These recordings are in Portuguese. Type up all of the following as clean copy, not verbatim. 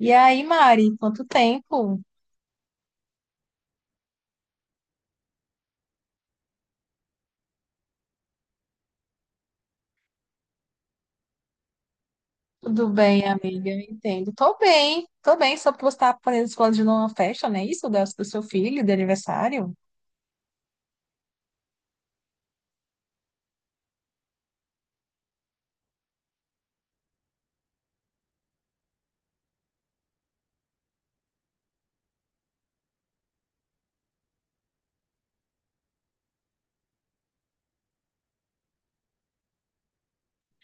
E aí, Mari, quanto tempo? Tudo bem, amiga? Eu entendo. Tô bem, só porque você tá planejando uma festa, não é isso? Do seu filho, de aniversário?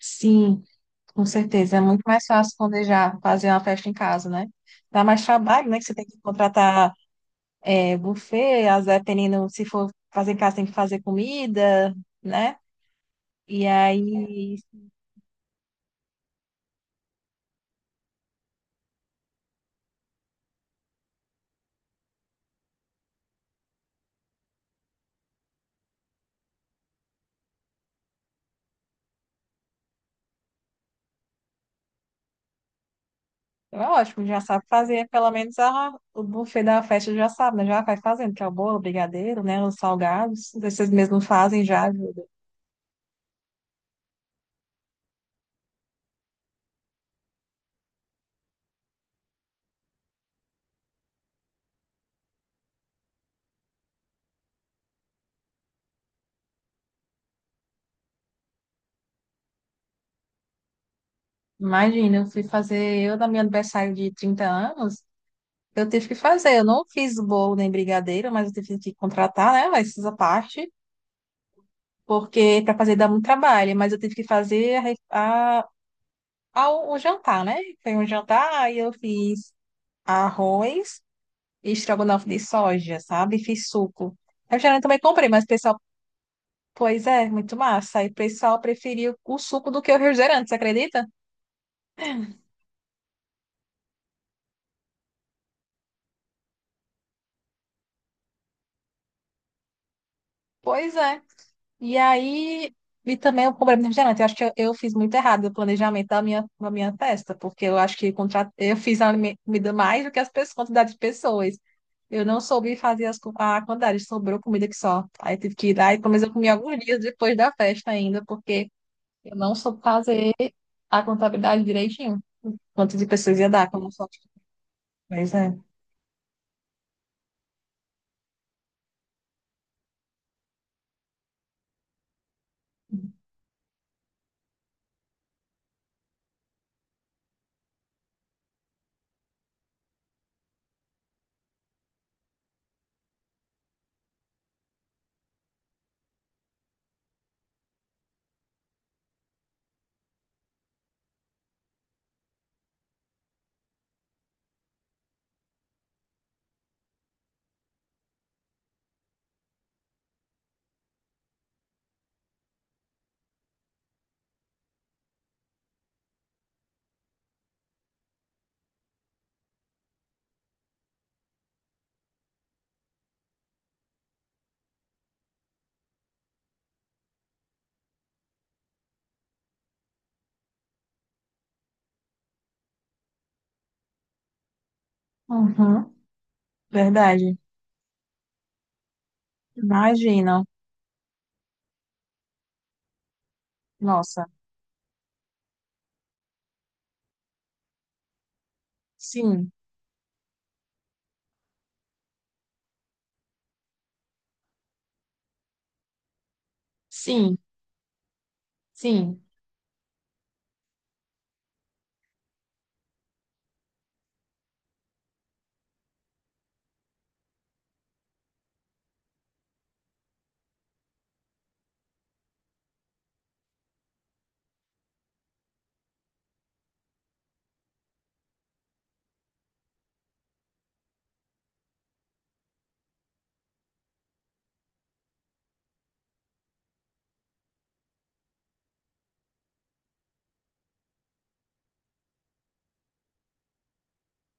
Sim, com certeza. É muito mais fácil planejar, fazer uma festa em casa, né? Dá mais trabalho, né? Que você tem que contratar buffet, às vezes, dependendo, se for fazer em casa, tem que fazer comida, né? E aí, é ótimo, já sabe fazer, pelo menos o buffet da festa já sabe, né? Já vai fazendo, que é o bolo, o brigadeiro, né? Os salgados, vocês mesmos fazem já ajuda. Imagina, eu fui fazer, eu, no meu aniversário de 30 anos, eu tive que fazer, eu não fiz bolo nem brigadeiro, mas eu tive que contratar, né? Mas essa parte, porque para fazer dá muito trabalho, mas eu tive que fazer a, re- a- o jantar, né? Foi um jantar, aí eu fiz arroz e estrogonofe de soja, sabe? Fiz suco. Eu já também comprei, mas o pessoal pois é, muito massa. Aí o pessoal preferiu o suco do que o refrigerante, você acredita? Pois é. E aí, e também o problema do refrigerante. Eu acho que eu fiz muito errado o planejamento da minha festa, porque eu acho que eu fiz comida mais do que as pessoas, quantidade de pessoas. Eu não soube fazer a quantidade, sobrou comida que só. Aí tive que ir lá e pelo menos eu comi alguns dias depois da festa ainda, porque eu não soube fazer a contabilidade direitinho. Quantas de pessoas ia dar, como só. Pois é. Uhum, verdade. Imagina. Nossa. Sim, sim, sim,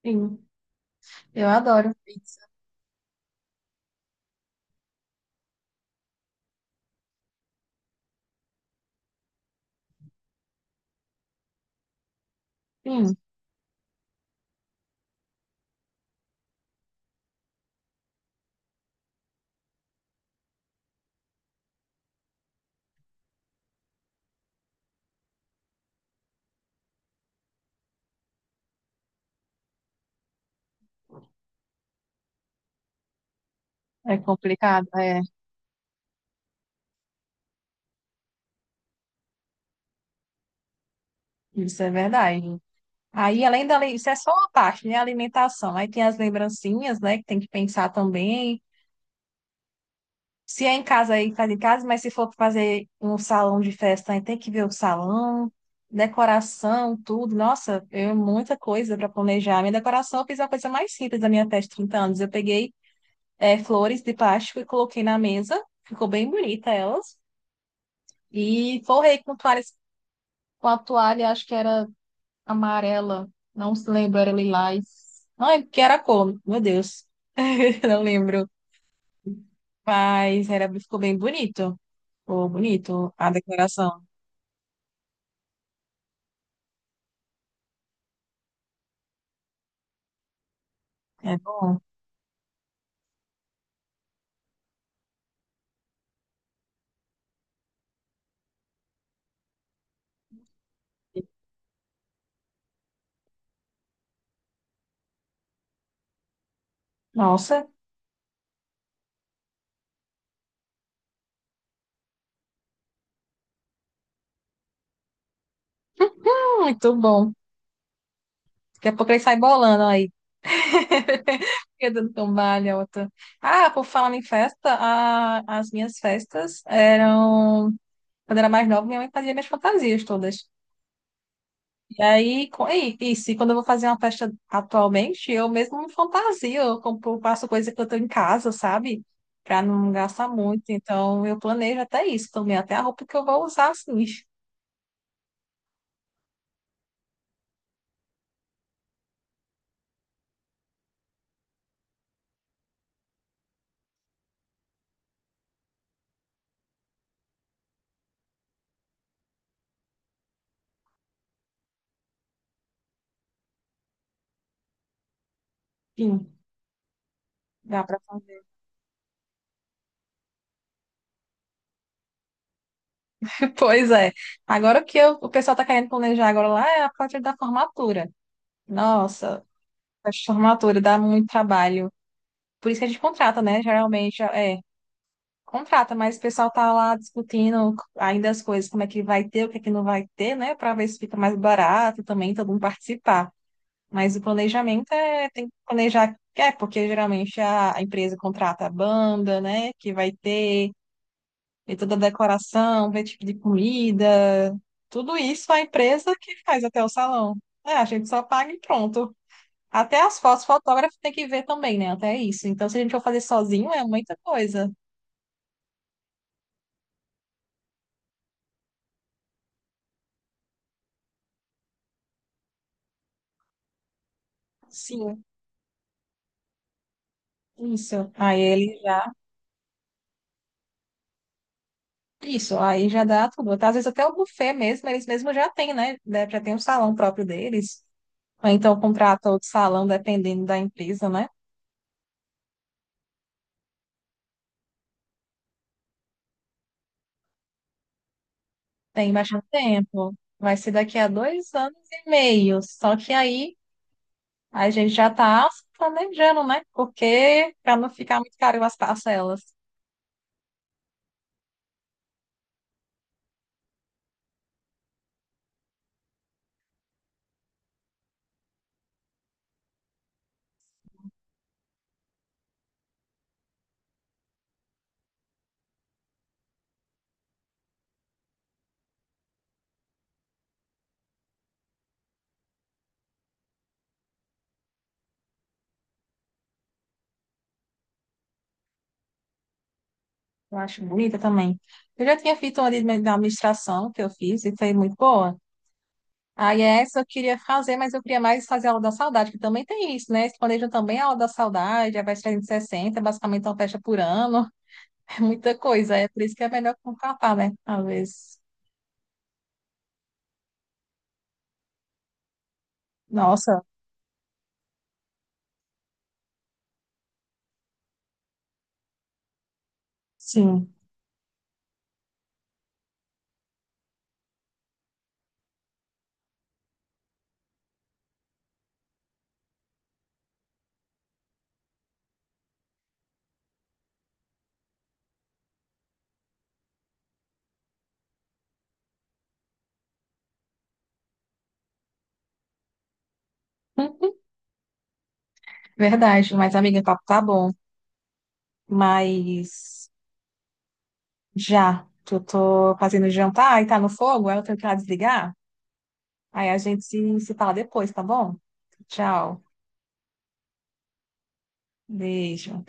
sim. Eu adoro pizza. Sim, é complicado. É, isso é verdade. Aí, além da lei, isso é só uma parte, né? Alimentação. Aí tem as lembrancinhas, né? Que tem que pensar também. Se é em casa, aí faz em casa, mas se for fazer um salão de festa, aí tem que ver o salão, decoração, tudo. Nossa, é muita coisa para planejar. Minha decoração, eu fiz uma coisa mais simples da minha festa de 30 anos. Eu peguei flores de plástico e coloquei na mesa. Ficou bem bonita elas. E forrei com toalhas, com a toalha, acho que era amarela, não se lembro, era lilás. Não é que era a cor, meu Deus. Não lembro. Mas era, ficou bem bonito. Ficou bonito a decoração. É bom. Nossa, muito bom. Daqui a pouco ele sai bolando aí. Fica dando tombalha, outra. Ah, por falar em festa, as minhas festas eram quando eu era mais nova, minha mãe fazia minhas fantasias todas. E aí, e quando eu vou fazer uma festa atualmente, eu mesmo me fantasio, eu compro, faço coisa que eu tenho em casa, sabe? Pra não gastar muito. Então, eu planejo até isso também, até a roupa que eu vou usar, assim. Enfim, dá pra fazer. Pois é. Agora o pessoal tá querendo planejar agora lá é a parte da formatura. Nossa, a formatura dá muito trabalho. Por isso que a gente contrata, né? Geralmente, é. Contrata, mas o pessoal tá lá discutindo ainda as coisas, como é que vai ter, o que é que não vai ter, né? Para ver se fica mais barato também, todo mundo participar. Mas o planejamento é, tem que planejar, é, porque geralmente a empresa contrata a banda, né? Que vai ter, e toda a decoração, ver tipo de comida, tudo isso a empresa que faz até o salão. É, a gente só paga e pronto. Até as fotos, fotógrafo tem que ver também, né? Até isso. Então, se a gente for fazer sozinho, é muita coisa. Sim. Isso. Aí ele já. Isso, aí já dá tudo. Às vezes até o buffet mesmo, eles mesmos já têm, né? Né, já tem um salão próprio deles. Ou então contrata outro salão, dependendo da empresa, né? Tem bastante tempo. Vai ser daqui a dois anos e meio. Só que aí a gente já está planejando, né? Porque para não ficar muito caro as parcelas. Eu acho bonita também. Eu já tinha feito uma de administração que eu fiz e foi muito boa. Aí essa eu queria fazer, mas eu queria mais fazer a aula da saudade, que também tem isso, né? Eles planejam também a aula da saudade, a festa 360, basicamente é uma festa por ano, é muita coisa. É por isso que é melhor contratar, né? Às vezes. Nossa, sim. Verdade, mas amiga, o papo tá bom. Mas já, que eu tô fazendo jantar e tá no fogo, aí eu tenho que ir lá desligar. Aí a gente se fala depois, tá bom? Tchau, beijo.